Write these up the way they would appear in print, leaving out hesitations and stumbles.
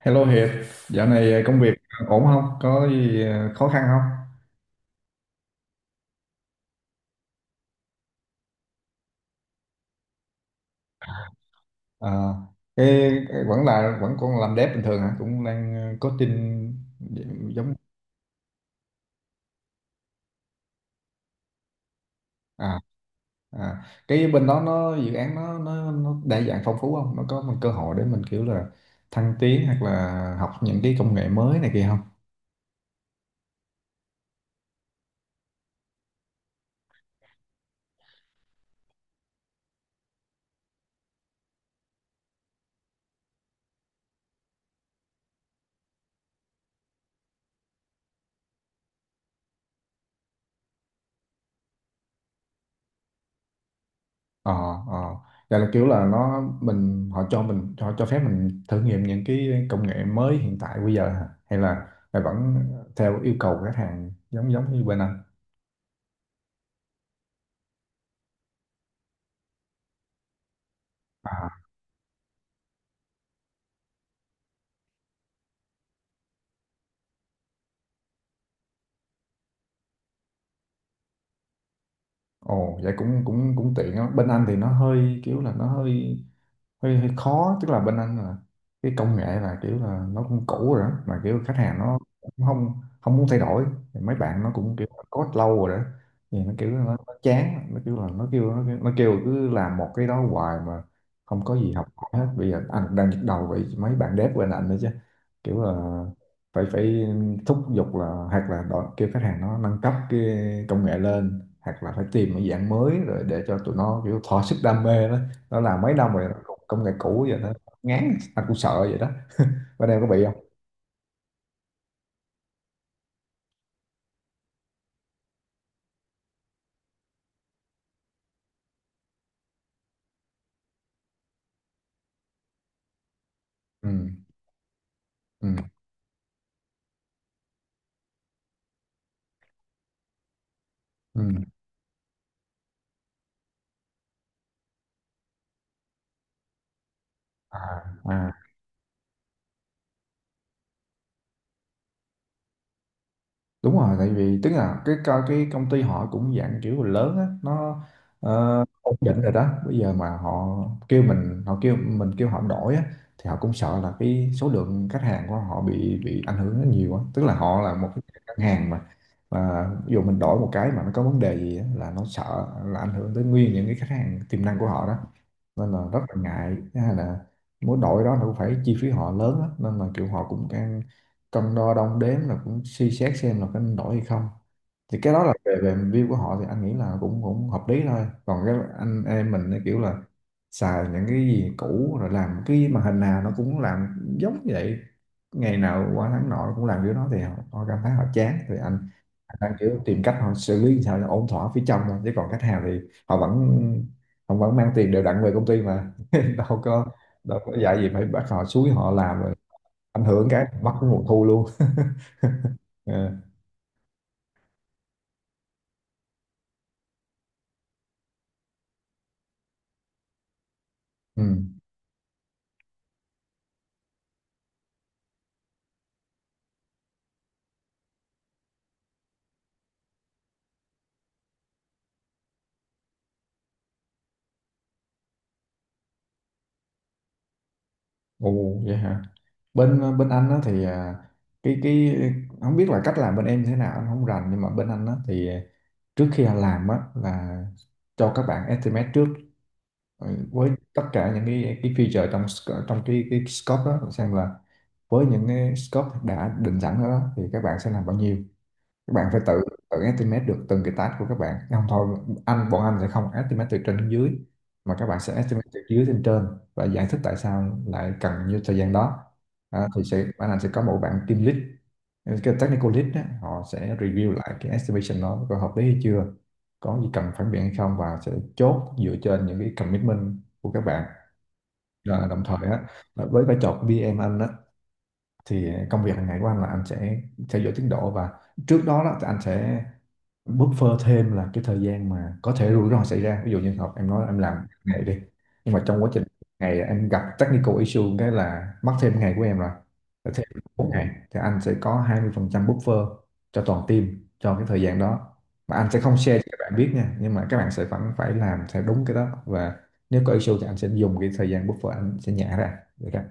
Hello Hiệp, dạo này công việc ổn không? Có gì khó khăn không? À, cái, cái vẫn còn làm dev bình thường hả? Cũng đang coding giống. à, cái bên đó nó dự án nó đa dạng phong phú không? Nó có một cơ hội để mình kiểu là thăng tiến hoặc là học những cái công nghệ mới này kia. ờ ờ Vậy là kiểu là nó mình họ cho phép mình thử nghiệm những cái công nghệ mới hiện tại bây giờ hả? Hay vẫn theo yêu cầu của khách hàng giống giống như bên anh. à Ồ, vậy cũng cũng cũng tiện á. Bên anh thì nó hơi kiểu là nó hơi hơi, hơi khó, tức là bên anh là cái công nghệ là kiểu là nó cũng cũ rồi đó, mà kiểu khách hàng nó cũng không không muốn thay đổi. Thì mấy bạn nó cũng kiểu code lâu rồi đó, thì nó kiểu nó chán, nó kiểu là nó kêu nó kêu cứ làm một cái đó hoài mà không có gì học hỏi hết. Bây giờ anh đang nhức đầu vậy mấy bạn dev bên anh nữa chứ, kiểu là phải phải thúc giục là hoặc là kêu khách hàng nó nâng cấp cái công nghệ lên, hoặc là phải tìm một dạng mới rồi để cho tụi nó kiểu thỏa sức đam mê đó. Nó làm mấy năm rồi nó công nghệ cũ vậy nó ngán, anh cũng sợ vậy đó. Bên em có bị không? Ừ, ừ, ừ. À, à, đúng rồi. Tại vì tức là cái công ty họ cũng dạng kiểu là lớn á, nó ổn định rồi đó. Bây giờ mà họ kêu mình kêu họ đổi á, thì họ cũng sợ là cái số lượng khách hàng của họ bị ảnh hưởng rất nhiều á, tức là họ là một cái ngân hàng mà ví dụ mình đổi một cái mà nó có vấn đề gì á, là nó sợ là ảnh hưởng tới nguyên những cái khách hàng tiềm năng của họ đó, nên là rất là ngại. Thứ hai là muốn đổi đó nó cũng phải chi phí họ lớn á, nên là kiểu họ cũng đang cân đo đong đếm là cũng suy xét xem là có nên đổi hay không. Thì cái đó là về về view của họ thì anh nghĩ là cũng cũng hợp lý thôi. Còn cái anh em mình thì kiểu là xài những cái gì cũ rồi, làm cái màn hình nào nó cũng làm giống vậy, ngày nào qua tháng nọ cũng làm kiểu đó, thì họ cảm thấy họ chán, thì anh đang kiểu tìm cách họ xử lý làm sao cho ổn thỏa phía trong thôi, chứ còn khách hàng thì họ vẫn họ vẫn mang tiền đều đặn về công ty mà đâu có đâu có dạy gì phải bắt họ, xúi họ làm rồi ảnh hưởng cái mất cái nguồn thu luôn. Ờ, ừ. Ồ vậy hả? Bên bên anh á thì cái không biết là cách làm bên em thế nào anh không rành, nhưng mà bên anh á thì trước khi anh làm á là cho các bạn estimate trước, ừ, với tất cả những cái feature trong trong cái scope đó, xem là với những cái scope đã định sẵn đó thì các bạn sẽ làm bao nhiêu. Các bạn phải tự tự estimate được từng cái task của các bạn không thôi. Bọn anh sẽ không estimate từ trên đến dưới, mà các bạn sẽ estimate từ dưới lên trên và giải thích tại sao lại cần như thời gian đó. Thì bạn anh sẽ có một bạn team lead, cái technical lead đó, họ sẽ review lại cái estimation đó có hợp lý hay chưa, có gì cần phản biện hay không, và sẽ chốt dựa trên những cái commitment của các bạn. Rồi đồng thời á là với vai trò của PM anh á, thì công việc hàng ngày của anh là anh sẽ theo dõi tiến độ, và trước đó thì anh sẽ buffer thêm là cái thời gian mà có thể rủi ro xảy ra, ví dụ như học em nói là em làm ngày đi, nhưng mà trong quá trình ngày em gặp technical issue cái là mất thêm ngày của em rồi. Là thêm 4 ngày thì anh sẽ có 20% buffer cho toàn team cho cái thời gian đó, mà anh sẽ không share cho các bạn biết nha, nhưng mà các bạn sẽ vẫn phải làm theo đúng cái đó, và nếu có issue thì anh sẽ dùng cái thời gian buffer anh sẽ nhả ra được không?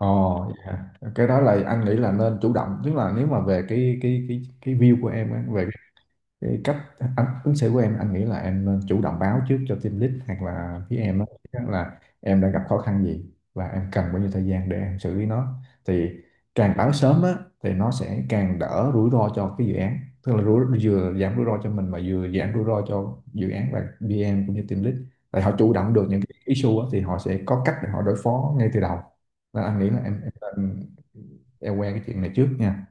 Ồ, dạ. Cái đó là anh nghĩ là nên chủ động, tức là nếu mà về cái view của em á, về cái cách anh ứng xử của em, anh nghĩ là em nên chủ động báo trước cho team lead hoặc là phía em á là em đã gặp khó khăn gì và em cần bao nhiêu thời gian để em xử lý nó. Thì càng báo sớm á thì nó sẽ càng đỡ rủi ro cho cái dự án, tức là vừa giảm rủi ro cho mình mà vừa giảm rủi ro cho dự án, và PM cũng như team lead tại họ chủ động được những cái issue á, thì họ sẽ có cách để họ đối phó ngay từ đầu. Nên anh nghĩ là em, em quen cái chuyện này trước nha.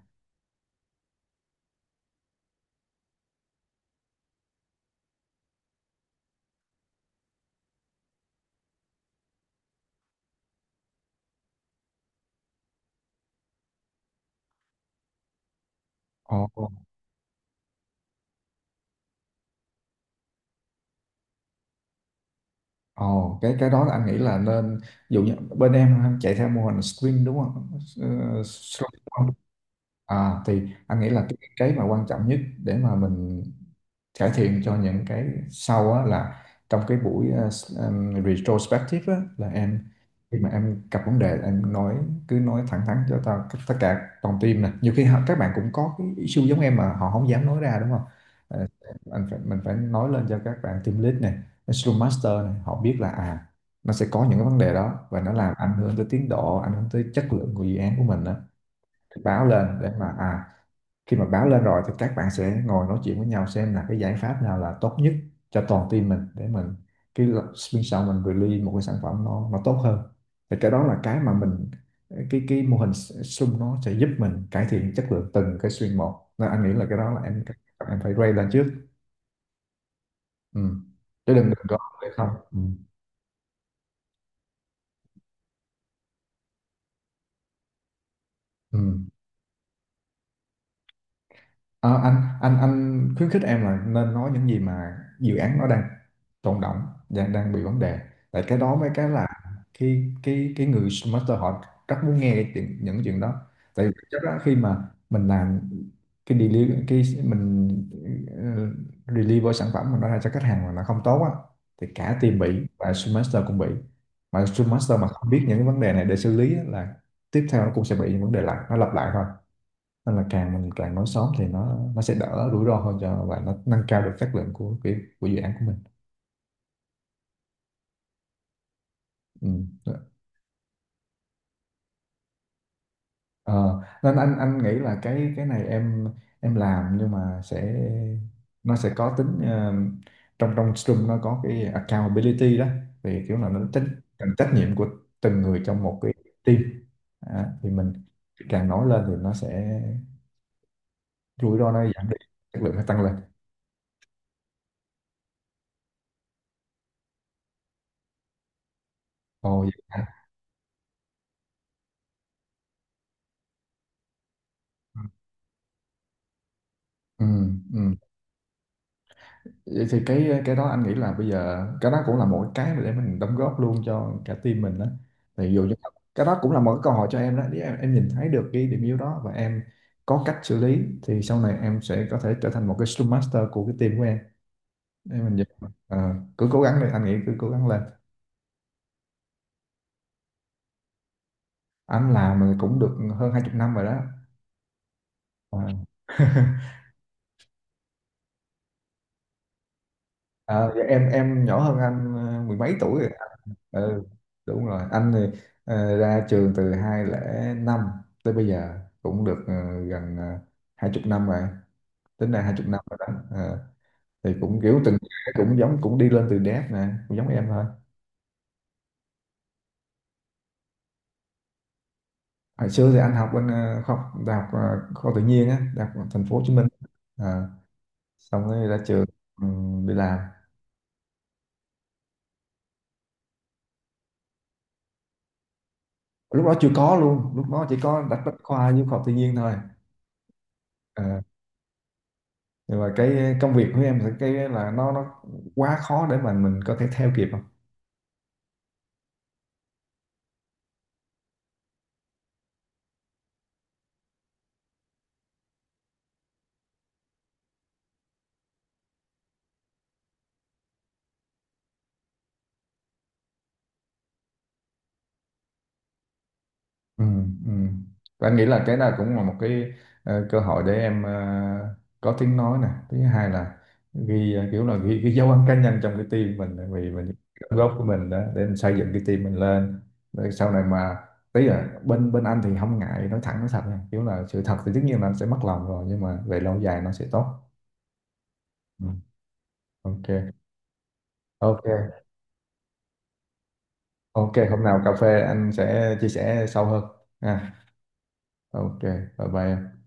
Ồ, Ồ, cái đó là anh nghĩ là nên, ví dụ như bên em chạy theo mô hình sprint đúng không? Ờ, Scrum. À, thì anh nghĩ là cái mà quan trọng nhất để mà mình cải thiện cho những cái sau á là trong cái buổi em retrospective á, là em khi mà em gặp vấn đề em nói, cứ nói thẳng thắn cho tao tất cả toàn team nè, nhiều khi các bạn cũng có cái issue giống em mà họ không dám nói ra đúng không. Ờ, anh phải, mình phải nói lên cho các bạn team lead này, Scrum Master này, họ biết là à nó sẽ có những cái vấn đề đó và nó làm ảnh hưởng tới tiến độ, ảnh hưởng tới chất lượng của dự án của mình đó, báo lên để mà khi mà báo lên rồi thì các bạn sẽ ngồi nói chuyện với nhau xem là cái giải pháp nào là tốt nhất cho toàn team mình, để mình cái bên sau mình release một cái sản phẩm nó tốt hơn. Thì cái đó là cái mà mình cái mô hình sum nó sẽ giúp mình cải thiện chất lượng từng cái stream một, nên anh nghĩ là cái đó là em phải raise lên trước. Ừ. Chứ đừng đừng có vậy không. Ừ. Ừ. Ờ, anh khuyến khích em là nên nói những gì mà dự án nó đang tồn đọng, đang đang bị vấn đề. Tại cái đó mới cái là khi cái người master họ rất muốn nghe những chuyện đó, tại vì chắc là khi mà mình làm cái deliver deliver sản phẩm mình nó ra cho khách hàng mà nó không tốt á, thì cả team bị và Scrum master cũng bị, mà Scrum master mà không biết những cái vấn đề này để xử lý á, là tiếp theo nó cũng sẽ bị những vấn đề lại, nó lặp lại thôi. Nên là càng mình càng nói sớm thì nó sẽ đỡ rủi ro hơn cho, và nó nâng cao được chất lượng của dự án của mình. Ừ. Ờ, nên anh nghĩ là cái này em làm nhưng mà sẽ nó sẽ có tính trong trong Scrum nó có cái accountability đó, thì kiểu là nó tính tính trách nhiệm của từng người trong một cái team. Đó, thì mình càng nói lên thì nó sẽ rủi ro nó giảm đi, chất lượng nó tăng lên. Ồ vậy hả? Ừ, ừ. Vậy thì cái đó anh nghĩ là bây giờ cái đó cũng là một cái mà để mình đóng góp luôn cho cả team mình đó. Thì dù cho cái đó cũng là một cái câu hỏi cho em đó, nếu em nhìn thấy được cái điểm yếu đó và em có cách xử lý, thì sau này em sẽ có thể trở thành một cái Scrum Master của cái team của em. Để mình nhìn, ờ, cứ cố gắng đi, anh nghĩ cứ cố gắng lên. Anh làm thì cũng được hơn hai chục năm rồi đó. Ờ. À, dạ em nhỏ hơn anh mười mấy tuổi rồi. Ừ, đúng rồi. Anh thì ra trường từ 2005 tới bây giờ cũng được gần hai chục năm rồi. Tính ra hai chục năm rồi đó. Ờ, thì cũng kiểu cũng đi lên từ đét nè, cũng giống em thôi. Hồi xưa thì anh học bên khoa học đại học khoa học tự nhiên á, đại học thành phố Hồ Chí Minh. Ờ, xong rồi ra trường đi làm. Lúc đó chưa có luôn, lúc đó chỉ có đặt bách khoa với khoa học tự nhiên thôi. Ờ, nhưng mà cái công việc của em thì cái là nó quá khó để mà mình có thể theo kịp không. Ừ, ừ. Và anh nghĩ là cái nào cũng là một cái cơ hội để em có tiếng nói nè, thứ hai là ghi kiểu là ghi cái dấu ấn cá nhân trong cái team mình, tại vì mình đóng góp của mình đó để mình xây dựng cái team mình lên, để sau này mà tí là bên bên anh thì không ngại nói thẳng nói thật nha, kiểu là sự thật thì tất nhiên là anh sẽ mất lòng rồi, nhưng mà về lâu dài nó sẽ tốt. Ừ. OK. OK. Ok, hôm nào cà phê anh sẽ chia sẻ sâu hơn. Ha. Ok, bye bye em.